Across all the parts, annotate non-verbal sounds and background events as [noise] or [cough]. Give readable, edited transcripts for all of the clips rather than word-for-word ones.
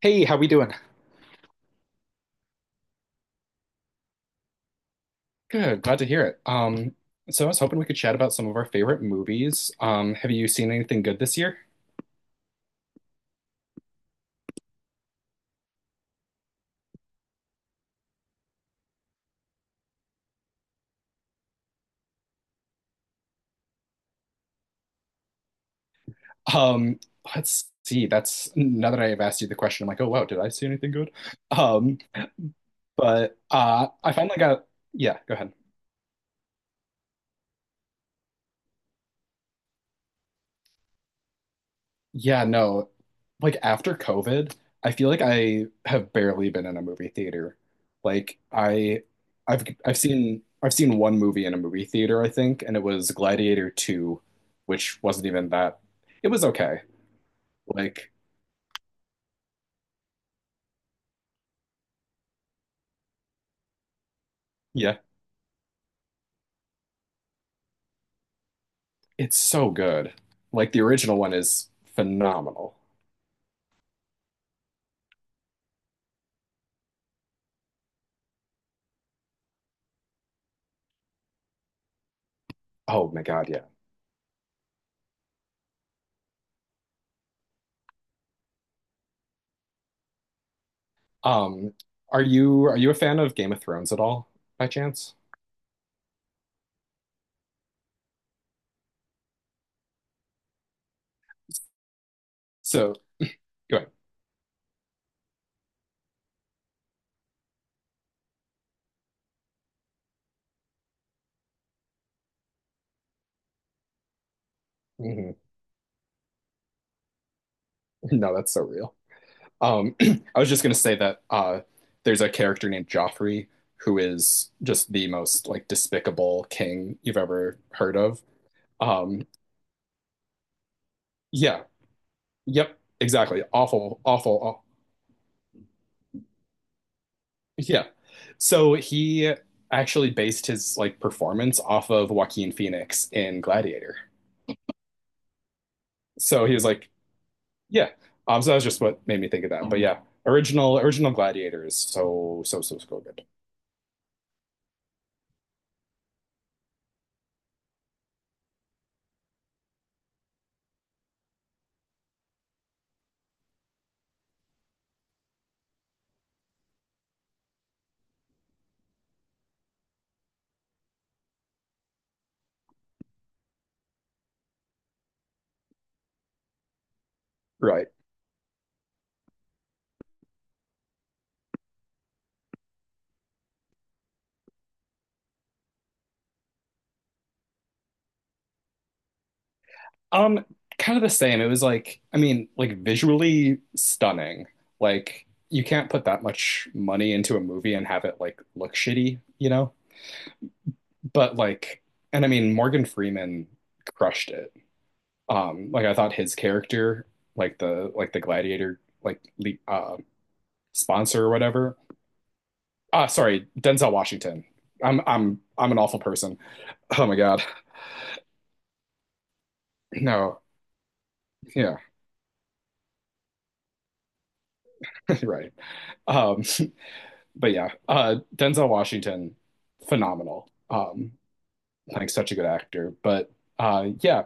Hey, how we doing? Good, glad to hear it. So I was hoping we could chat about some of our favorite movies. Have you seen anything good this year? Um, let's see. That's now that I have asked you the question, I'm like, oh wow, did I see anything good? Um, but I finally got. Yeah, go ahead. Yeah, no. Like after COVID, I feel like I have barely been in a movie theater. Like I I've seen one movie in a movie theater, I think, and it was Gladiator 2, which wasn't even that. It was okay. Like, yeah, it's so good. Like the original one is phenomenal. Oh my God, yeah. Um, are you a fan of Game of Thrones at all by chance? So, go ahead. hmm [laughs] No, that's so real. [clears throat] I was just gonna say that there's a character named Joffrey who is just the most like despicable king you've ever heard of. Um, yeah, yep, exactly. Awful, awful, awful. Yeah. So he actually based his like performance off of Joaquin Phoenix in Gladiator. So he was like, yeah. So that was just what made me think of that. But yeah, original original Gladiator is so so so so good. Right. Um, Kind of the same. It was like, I mean, like visually stunning. Like you can't put that much money into a movie and have it like look shitty, you know? But like, and I mean, Morgan Freeman crushed it. Like I thought his character, like the gladiator, like sponsor or whatever. Ah, sorry, Denzel Washington. I'm an awful person. Oh my God. No. Yeah, [laughs] right. Um, but yeah, Denzel Washington, phenomenal. Like such a good actor. But yeah,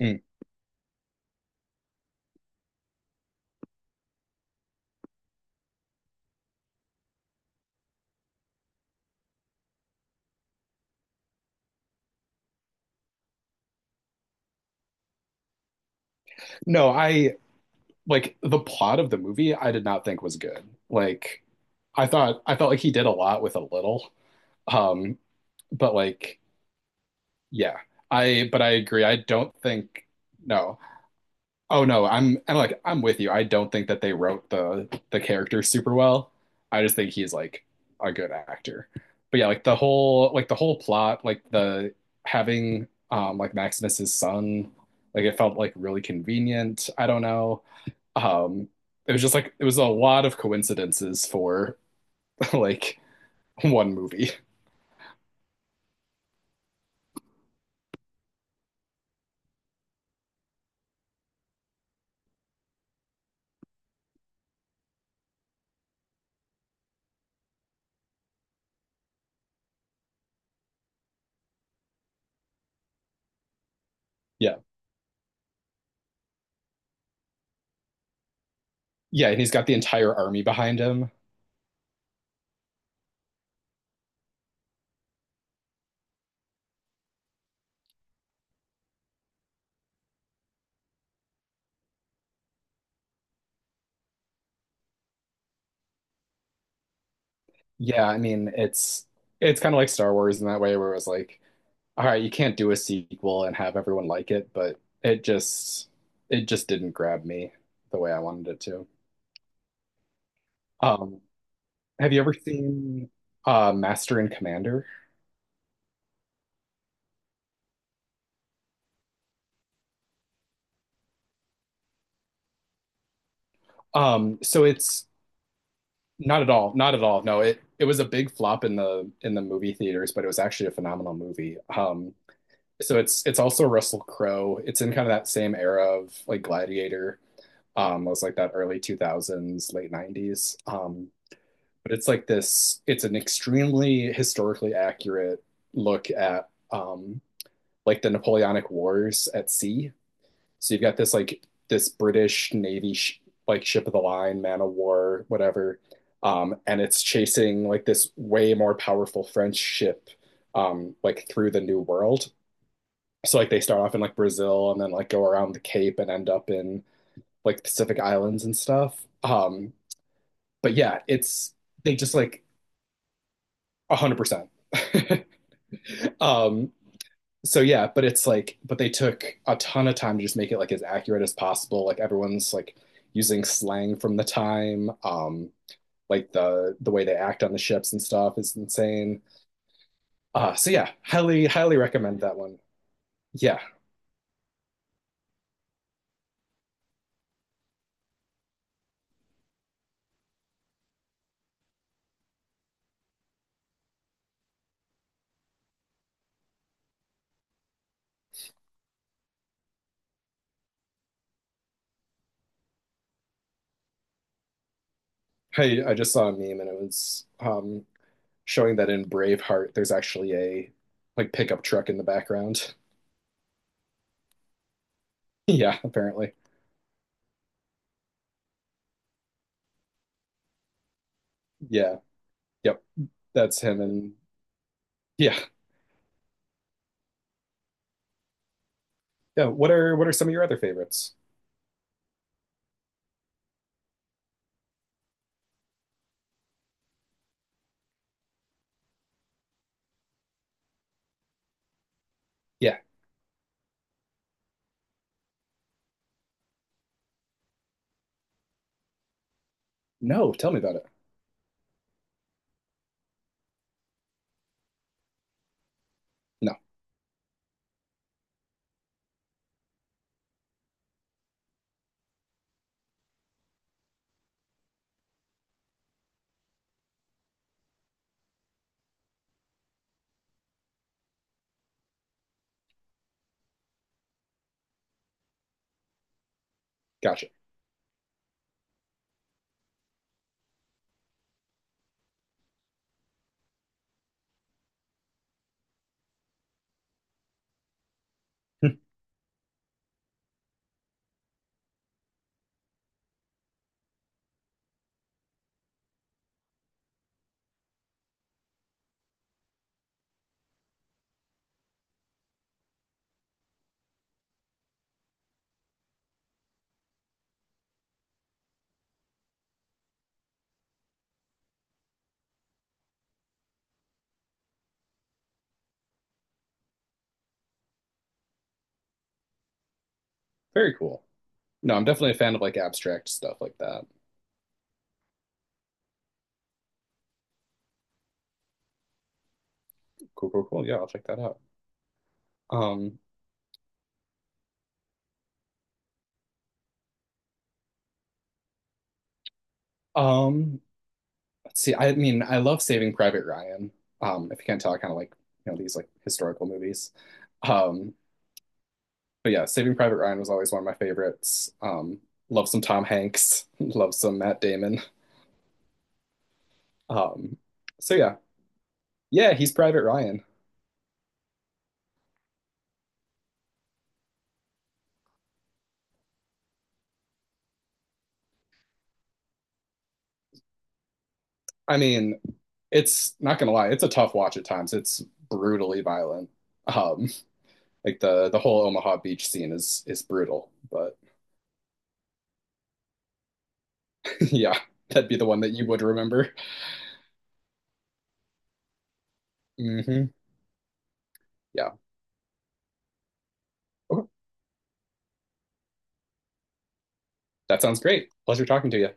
mm, no, I like the plot of the movie. I did not think was good. Like I thought, I felt like he did a lot with a little. Um, but like yeah. I but I agree. I don't think no. Oh no, I'm and like I'm with you. I don't think that they wrote the character super well. I just think he's like a good actor. But yeah, like the whole plot, like the having like Maximus's son, like it felt like really convenient. I don't know. Um it was just like it was a lot of coincidences for [laughs] like one movie. Yeah. Yeah, and he's got the entire army behind him. Yeah, I mean, it's kind of like Star Wars in that way where it was like, all right, you can't do a sequel and have everyone like it, but it just didn't grab me the way I wanted it to. Um, have you ever seen Master and Commander? So it's not at all, not at all. No, it was a big flop in the movie theaters, but it was actually a phenomenal movie. So it's also Russell Crowe. It's in kind of that same era of like Gladiator. It was like that early 2000s, late 90s. But it's like this, it's an extremely historically accurate look at like the Napoleonic Wars at sea. So you've got this like this British Navy sh like ship of the line, man of war, whatever. And it's chasing like this way more powerful French ship like through the New World. So like they start off in like Brazil and then like go around the Cape and end up in like Pacific Islands and stuff. But yeah, it's they just like 100%. [laughs] Um, so yeah, but it's like, but they took a ton of time to just make it like as accurate as possible. Like everyone's like using slang from the time. Like the way they act on the ships and stuff is insane. So yeah, highly highly recommend that one. Yeah, I just saw a meme and it was showing that in Braveheart there's actually a like pickup truck in the background. [laughs] Yeah, apparently. Yeah, yep, that's him and yeah. Yeah. What are some of your other favorites? Yeah. No, tell me about it. No. Gotcha. Hmm. Very cool. No, I'm definitely a fan of like abstract stuff like that. Cool, cool, cool. Yeah, I'll check that out. Um, um, let's see. I mean, I love Saving Private Ryan. If you can't tell, I kind of like, you know, these like historical movies. Um, but yeah, Saving Private Ryan was always one of my favorites. Love some Tom Hanks, [laughs] love some Matt Damon. Um, so yeah. Yeah, he's Private Ryan. I mean, it's not gonna lie, it's a tough watch at times. It's brutally violent. Um, like the whole Omaha Beach scene is brutal, but [laughs] yeah, that'd be the one that you would remember. Hmm. Yeah, okay, that sounds great. Pleasure talking to you.